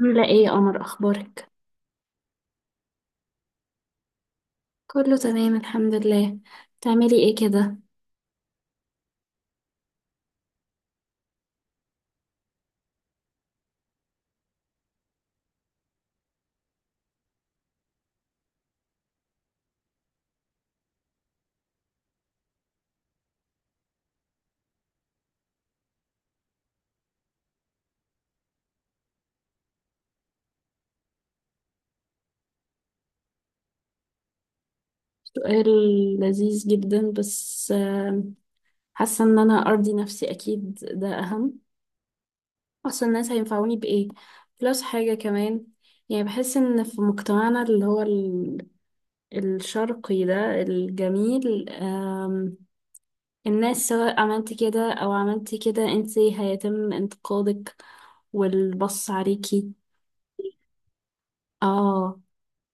عاملة ايه يا قمر؟ اخبارك. كله تمام الحمد لله. تعملي ايه كده؟ سؤال لذيذ جدا. بس حاسة ان انا ارضي نفسي اكيد ده اهم. اصلا الناس هينفعوني بايه؟ بلس حاجة كمان. يعني بحس ان في مجتمعنا اللي هو الشرقي ده الجميل، الناس سواء عملتي كده او عملتي كده انتي هيتم انتقادك والبص عليكي. اه،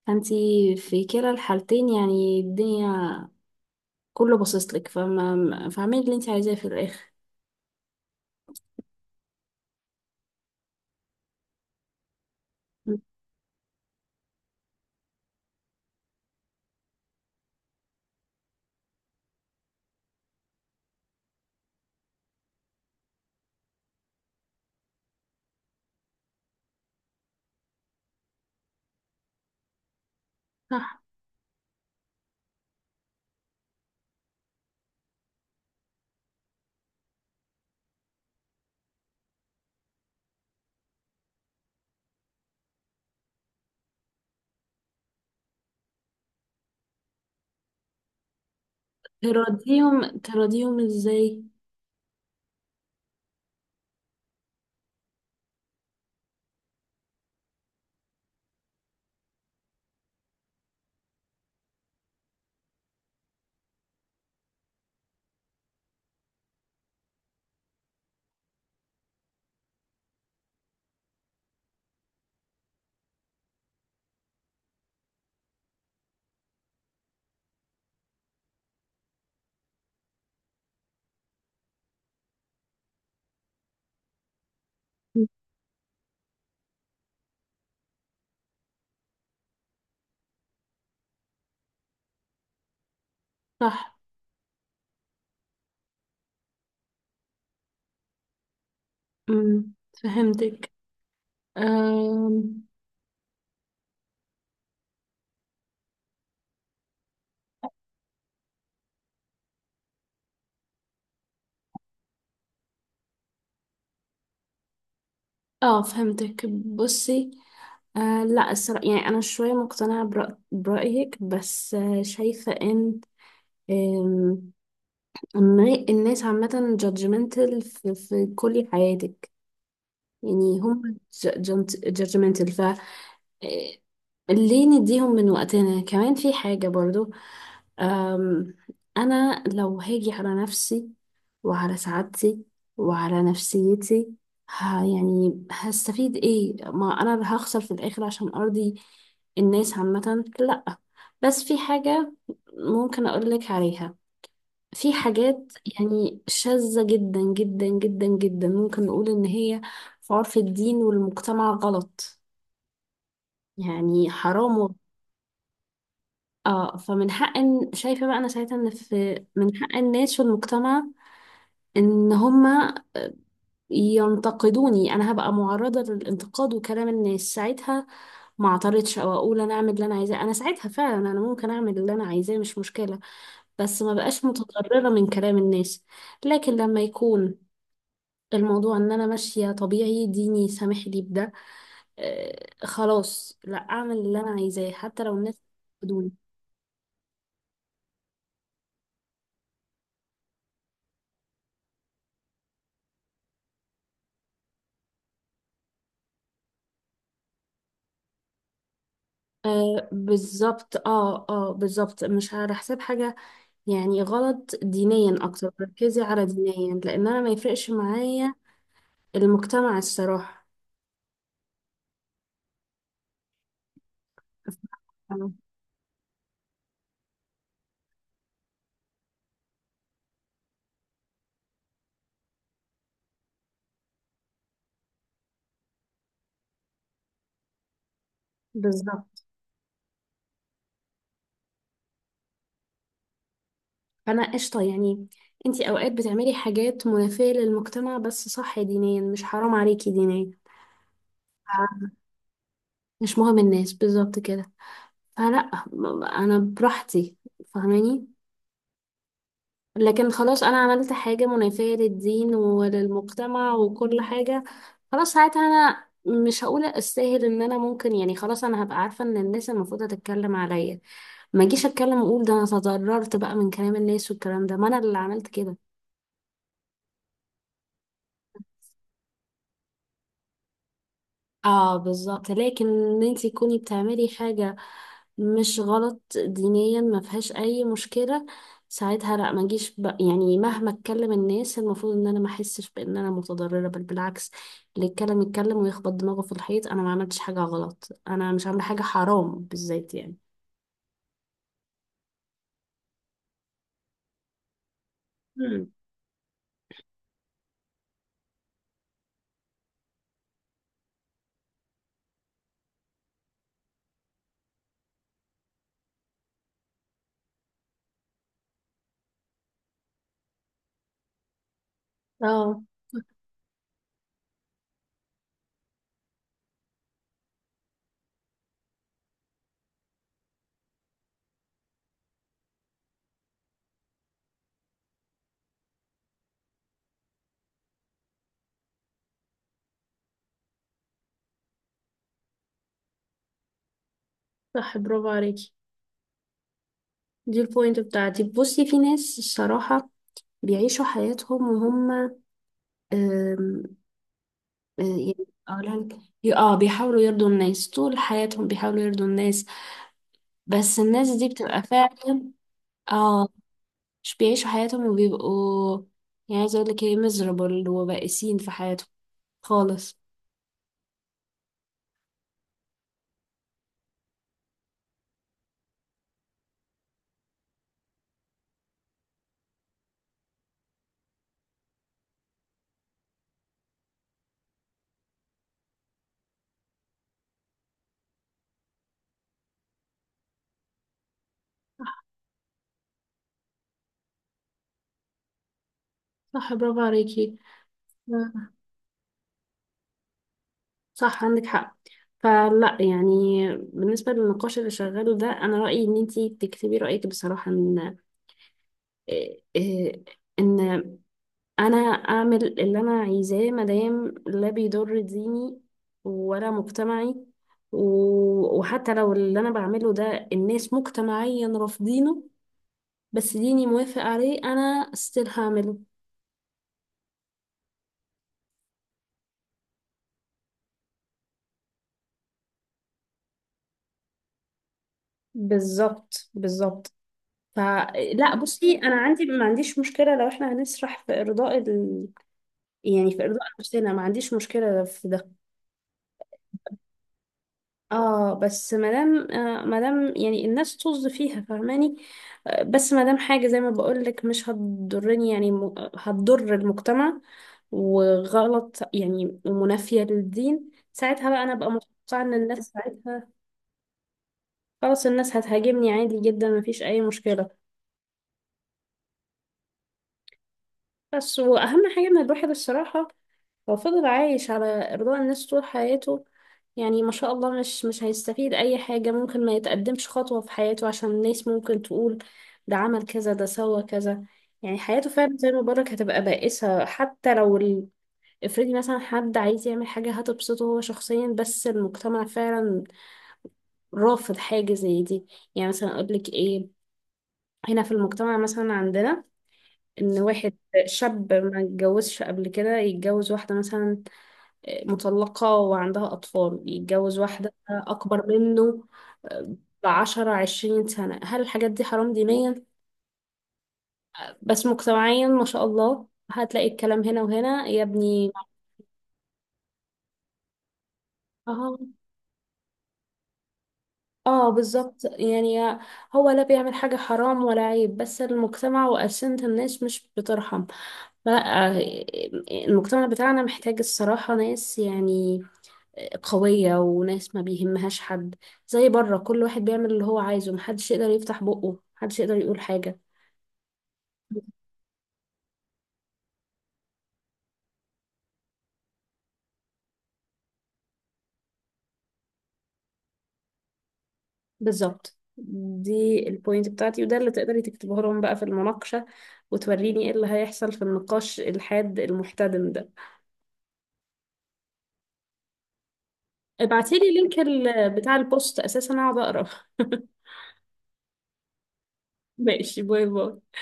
فانتي في كلا الحالتين يعني الدنيا كله باصص لك، فما فاعملي اللي انت عايزاه في الاخر. م. صح. تراضيهم ازاي؟ م. صح. امم فهمتك. أم، اه، فهمتك. بصي، لا الصراحة يعني انا شوية مقتنعة برأيك، بس شايفة ان آم، إن الناس عامة judgmental في كل حياتك. يعني هم جادجمنتال. ف إيه، ليه نديهم من وقتنا كمان في حاجة برضو؟ أم، أنا لو هاجي على نفسي وعلى سعادتي وعلى نفسيتي، يعني هستفيد ايه؟ ما أنا اللي هخسر في الآخر عشان أرضي الناس عامة؟ لأ. بس في حاجة ممكن أقولك عليها. في حاجات يعني شاذة جدا جدا جدا جدا، ممكن نقول إن هي في عرف الدين والمجتمع غلط، يعني حرام اه، شايفة بقى أنا ساعتها إن في من حق الناس والمجتمع إن هما ينتقدوني. أنا هبقى معرضة للانتقاد وكلام الناس ساعتها، ما اعترضش أو أقول أنا أعمل اللي أنا عايزاه. أنا ساعتها فعلا أنا ممكن أعمل اللي أنا عايزاه، مش مشكلة. بس ما بقاش متضررة من كلام الناس. لكن لما يكون الموضوع ان انا ماشيه طبيعي، ديني سامح لي بده، خلاص لا اعمل اللي انا عايزاه حتى لو الناس بدوني. آه بالظبط، اه، اه، بالظبط، مش على حساب حاجه يعني غلط دينيا. اكتر ركزي على دينيا لان انا ما يفرقش معايا المجتمع الصراحه. آه، بالظبط. فانا قشطه يعني. انتي اوقات بتعملي حاجات منافيه للمجتمع بس صح دينيا مش حرام عليكي دينيا. آه، مش مهم الناس بالظبط كده. فلا، انا براحتي، فاهماني؟ لكن خلاص انا عملت حاجة منافية للدين وللمجتمع وكل حاجة، خلاص ساعتها انا مش هقول استاهل ان انا ممكن، يعني خلاص انا هبقى عارفة ان الناس المفروض تتكلم عليا. ما اجيش اتكلم واقول ده انا تضررت بقى من كلام الناس والكلام ده، ما انا اللي عملت كده. اه بالظبط. لكن ان انت تكوني بتعملي حاجة مش غلط دينيا، ما فيهاش اي مشكلة. ساعتها لا ما اجيش يعني مهما اتكلم الناس المفروض ان انا ما احسش بان انا متضررة، بل بالعكس. اللي يتكلم يتكلم ويخبط دماغه في الحيط. انا ما عملتش حاجة غلط، انا مش عاملة حاجة حرام بالذات يعني. مم. اه صح، برافو عليكي. دي البوينت بتاعتي. بصي، في ناس الصراحة بيعيشوا حياتهم وهم يعني اقولها لك، بيحاولوا يرضوا الناس طول حياتهم، بيحاولوا يرضوا الناس. بس الناس دي بتبقى فعلا، اه، مش بيعيشوا حياتهم وبيبقوا يعني عايزة اقول لك ايه، miserable وبائسين في حياتهم خالص. صح، برافو عليكي. مم. صح عندك حق. فلا يعني بالنسبة للنقاش اللي شغاله ده، أنا رأيي إن أنتي تكتبي رأيك بصراحة، إن إيه- إيه- إن انا اعمل اللي انا عايزاه مادام لا بيضر ديني ولا مجتمعي، وحتى لو اللي انا بعمله ده الناس مجتمعيا رافضينه، بس ديني موافق عليه، انا ستيل هعمله. بالظبط بالظبط. فلا بصي، انا عندي ما عنديش مشكله لو احنا هنسرح في ارضاء يعني في ارضاء نفسنا ما عنديش مشكله في ده. اه، بس مادام مادام يعني الناس طز فيها، فاهماني؟ آه بس مادام حاجة زي ما بقولك مش هتضرني، يعني هتضر المجتمع وغلط يعني ومنافية للدين، ساعتها بقى انا بقى متوقعة ان الناس ساعتها، خلاص، الناس هتهاجمني عادي جدا، مفيش اي مشكلة. بس واهم حاجة ان الواحد الصراحة لو فضل عايش على إرضاء الناس طول حياته، يعني ما شاء الله، مش هيستفيد أي حاجة، ممكن ما يتقدمش خطوة في حياته عشان الناس ممكن تقول ده عمل كذا، ده سوى كذا. يعني حياته فعلا زي ما بقولك هتبقى بائسة حتى لو افرضي مثلا حد عايز يعمل حاجة هتبسطه هو شخصيا، بس المجتمع فعلا رافض حاجة زي دي. يعني مثلا أقولك إيه، هنا في المجتمع مثلا عندنا إن واحد شاب ما اتجوزش قبل كده يتجوز واحدة مثلا مطلقة وعندها أطفال، يتجوز واحدة أكبر منه آه، بـ10 20 سنة. هل الحاجات دي حرام دينيا؟ بس مجتمعيا ما شاء الله، هتلاقي الكلام هنا وهنا يا ابني. اه، اه، بالظبط يعني. هو لا بيعمل حاجة حرام ولا عيب، بس المجتمع وأسنة الناس مش بترحم. فلا، المجتمع بتاعنا محتاج الصراحة ناس يعني قوية، وناس ما بيهمهاش حد. زي بره، كل واحد بيعمل اللي هو عايزه، محدش يقدر يفتح بقه، محدش يقدر يقول حاجة. بالظبط. دي البوينت بتاعتي، وده اللي تقدري تكتبه لهم بقى في المناقشة، وتوريني ايه اللي هيحصل في النقاش الحاد المحتدم ده. ابعتيلي لينك بتاع البوست، اساسا اقعد اقرا. ماشي، باي باي.